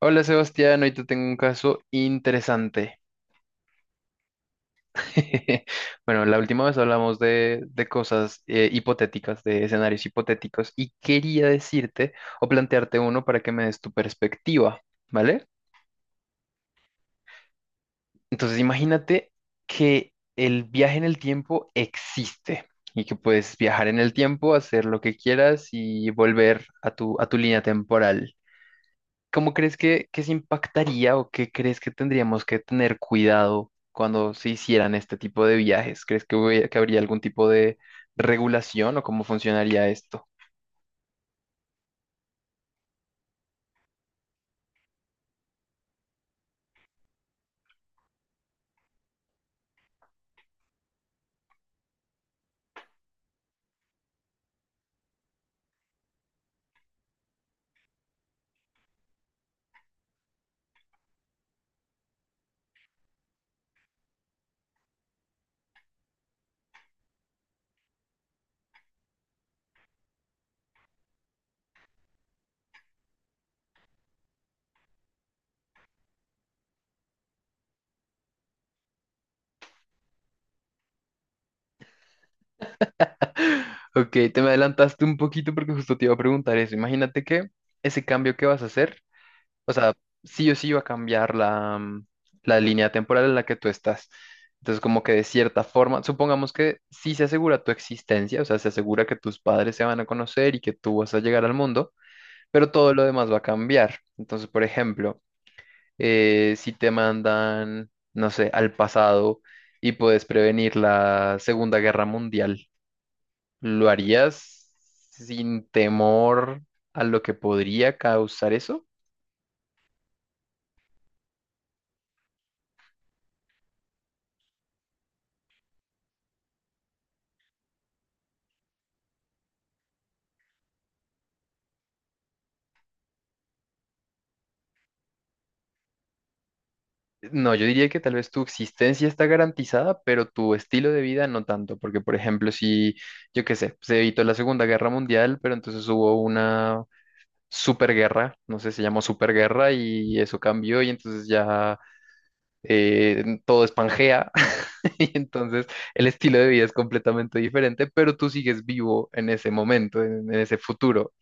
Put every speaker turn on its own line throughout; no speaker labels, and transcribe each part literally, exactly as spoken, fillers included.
Hola Sebastián, hoy te tengo un caso interesante. Bueno, la última vez hablamos de, de cosas eh, hipotéticas, de escenarios hipotéticos, y quería decirte o plantearte uno para que me des tu perspectiva, ¿vale? Entonces imagínate que el viaje en el tiempo existe y que puedes viajar en el tiempo, hacer lo que quieras y volver a tu, a tu línea temporal. ¿Cómo crees que, que se impactaría o qué crees que tendríamos que tener cuidado cuando se hicieran este tipo de viajes? ¿Crees que, hubiera- que habría algún tipo de regulación o cómo funcionaría esto? Ok, te me adelantaste un poquito porque justo te iba a preguntar eso. Imagínate que ese cambio que vas a hacer, o sea, sí o sí va a cambiar la, mm, la línea temporal en la que tú estás. Entonces, como que de cierta forma, supongamos que sí se asegura tu existencia, o sea, se asegura que tus padres se van a conocer y que tú vas a llegar al mundo, pero todo lo demás va a cambiar. Entonces, por ejemplo, eh, si te mandan, no sé, al pasado y puedes prevenir la Segunda Guerra Mundial, ¿lo harías sin temor a lo que podría causar eso? No, yo diría que tal vez tu existencia está garantizada, pero tu estilo de vida no tanto, porque por ejemplo, si, yo qué sé, se evitó la Segunda Guerra Mundial, pero entonces hubo una superguerra, no sé, se llamó superguerra y eso cambió y entonces ya, eh, todo es Pangea y entonces el estilo de vida es completamente diferente, pero tú sigues vivo en ese momento, en, en ese futuro.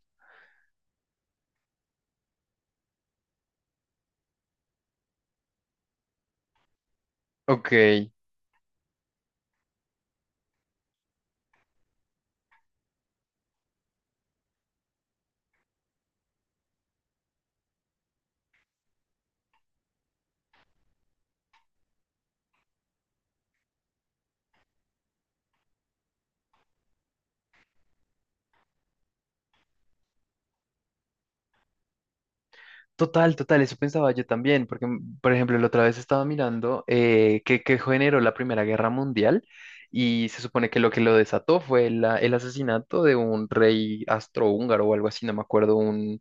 Ok, total, total, eso pensaba yo también, porque mm, por ejemplo la otra vez estaba mirando eh, que, que generó la Primera Guerra Mundial y se supone que lo que lo desató fue la- el asesinato de un rey astrohúngaro o algo así, no me acuerdo, un,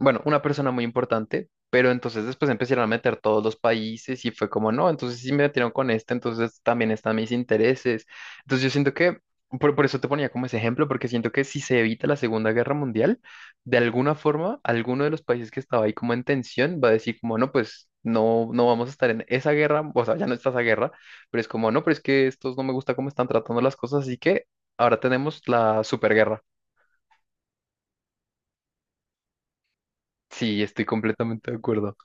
bueno, una persona muy importante, pero entonces después empezaron a meter todos los países y fue como, no, entonces sí me metieron con este, entonces también están mis intereses. Entonces yo siento que, por, por eso te ponía como ese ejemplo, porque siento que si se evita la Segunda Guerra Mundial, de alguna forma, alguno de los países que estaba ahí como en tensión va a decir como, no, pues. No, no vamos a estar en esa guerra, o sea, ya no está esa guerra, pero es como, no, pero es que estos no me gusta cómo están tratando las cosas, así que ahora tenemos la superguerra. Sí, estoy completamente de acuerdo.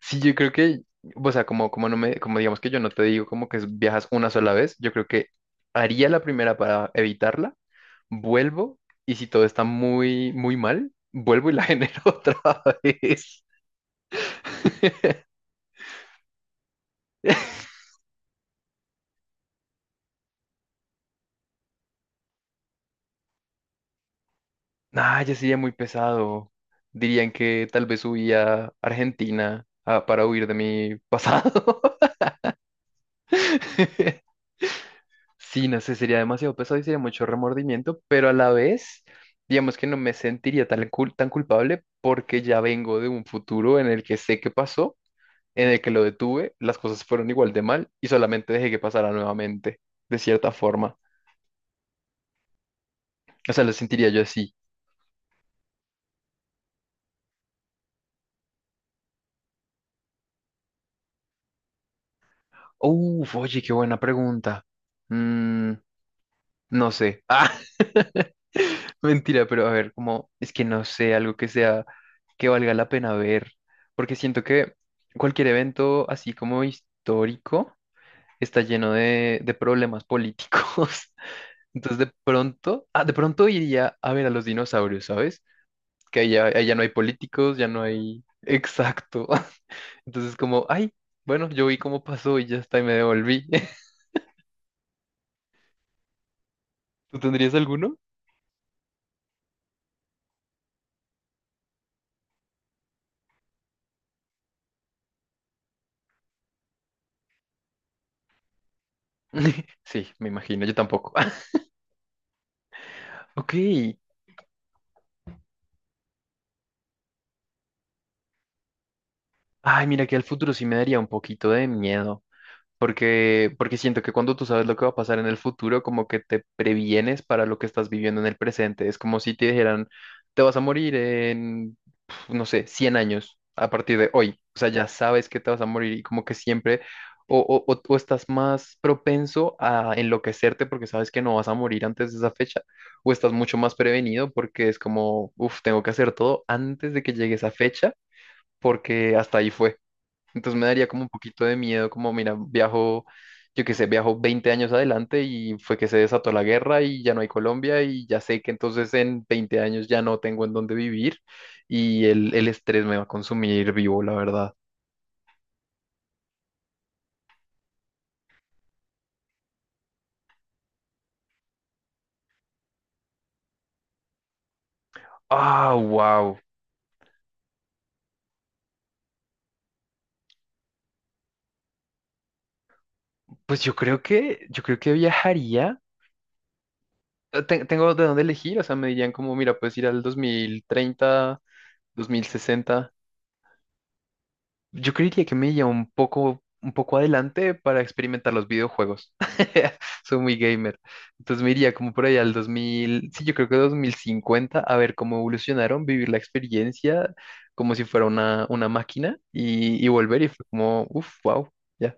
Sí, yo creo que, o sea, como, como no me, como digamos que yo no te digo como que es- viajas una sola vez, yo creo que haría la primera para evitarla, vuelvo y si todo está muy, muy mal, vuelvo y la genero otra vez. Nah, ya sería muy pesado. Dirían que tal vez huía a Argentina ah, para huir de mi pasado. Sí, no sé, sería demasiado pesado y sería mucho remordimiento, pero a la vez, digamos que no me sentiría tan, cul- tan culpable porque ya vengo de un futuro en el que sé qué pasó, en el que lo detuve, las cosas fueron igual de mal y solamente dejé que pasara nuevamente, de cierta forma. O sea, lo sentiría yo así. Uf, oye, qué buena pregunta. Mm, No sé. Ah, mentira, pero a ver, como es que no sé, algo que sea, que valga la pena ver, porque siento que cualquier evento así como histórico está lleno de, de problemas políticos. Entonces de pronto, ah, de pronto iría a ver a los dinosaurios, ¿sabes? Que ahí ya, ahí ya no hay políticos, ya no hay. Exacto. Entonces como, ay, bueno, yo vi cómo pasó y ya está y me devolví. ¿Tú tendrías alguno? Sí, me imagino, yo tampoco. Ok, ay, mira que el futuro sí me daría un poquito de miedo, porque, porque siento que cuando tú sabes lo que va a pasar en el futuro, como que te previenes para lo que estás viviendo en el presente. Es como si te dijeran, te vas a morir en, pf, no sé, cien años a partir de hoy. O sea, ya sabes que te vas a morir y como que siempre o, o, o o estás más propenso a enloquecerte porque sabes que no vas a morir antes de esa fecha, o estás mucho más prevenido porque es como, uff, tengo que hacer todo antes de que llegue esa fecha porque hasta ahí fue. Entonces me daría como un poquito de miedo, como mira, viajo, yo qué sé, viajo veinte años adelante y fue que se desató la guerra y ya no hay Colombia y ya sé que entonces en veinte años ya no tengo en dónde vivir y el, el estrés me va a consumir vivo, la verdad. Ah, wow. Pues yo creo que, yo creo que viajaría. Eh, te- tengo de dónde elegir, o sea, me dirían como, mira, puedes ir al dos mil treinta, dos mil sesenta. Yo creería que me lleva un poco, un poco adelante para experimentar los videojuegos. Soy muy gamer. Entonces me iría como por allá al dos mil, sí, yo creo que dos mil cincuenta, a ver cómo evolucionaron, vivir la experiencia como si fuera una, una máquina y, y volver y fue como, uff, wow, ya.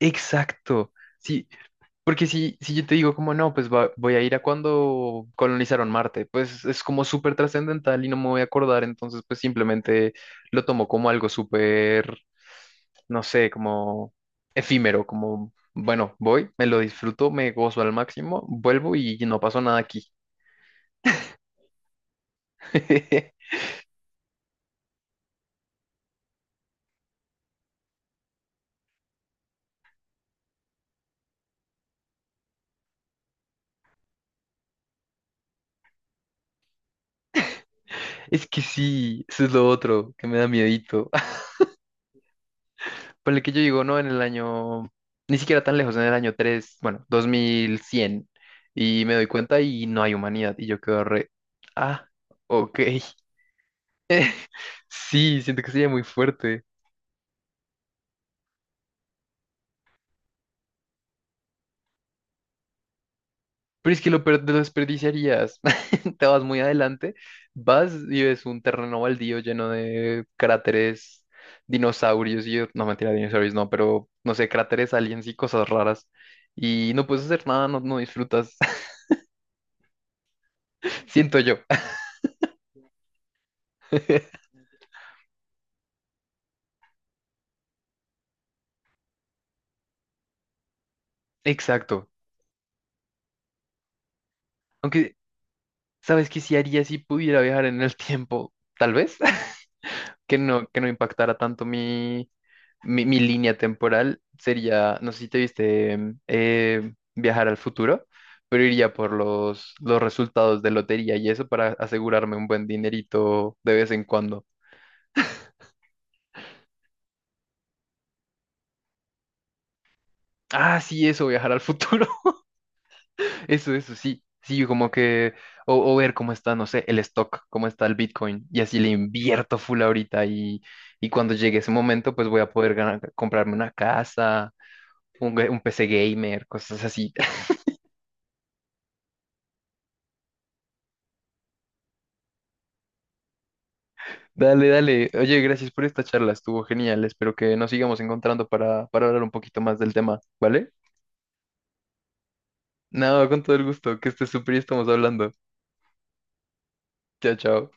Exacto. Sí, porque si, si yo te digo como no, pues va- voy a ir a cuando colonizaron Marte, pues es como súper trascendental y no me voy a acordar, entonces pues simplemente lo tomo como algo súper, no sé, como efímero, como, bueno, voy, me lo disfruto, me gozo al máximo, vuelvo y no pasó nada aquí. Es que sí, eso es lo otro que me da miedito. Ponle que yo digo, ¿no? En el año, ni siquiera tan lejos, en el año tres bueno, dos mil cien y me doy cuenta y no hay humanidad, y yo quedo re, ah, ok, sí, siento que sería muy fuerte, pero es que lo per- lo desperdiciarías, te vas muy adelante, vas y ves un terreno baldío lleno de cráteres, dinosaurios, y yo, no, mentira, dinosaurios no, pero, no sé, cráteres, aliens y cosas raras, y no puedes hacer nada, no, no disfrutas, siento yo. Exacto. Aunque, ¿sabes qué sí haría si pudiera viajar en el tiempo? Tal vez, que no, que no impactara tanto mi, mi, mi, línea temporal. Sería, no sé si te viste mm, eh, viajar al futuro, pero iría por los, los resultados de lotería y eso para asegurarme un buen dinerito de vez en cuando. Ah, sí, eso, viajar al futuro. Eso, eso, sí. Sí, como que, o, o ver cómo está, no sé, el stock, cómo está el Bitcoin, y así le invierto full ahorita y, y cuando llegue ese momento, pues voy a poder ganar- comprarme una casa, un, ga- un P C gamer, cosas así. Dale, dale. Oye, gracias por esta charla, estuvo genial. Espero que nos sigamos encontrando para, para hablar un poquito más del tema, ¿vale? No, con todo el gusto, que estés súper y estamos hablando. Chao, chao.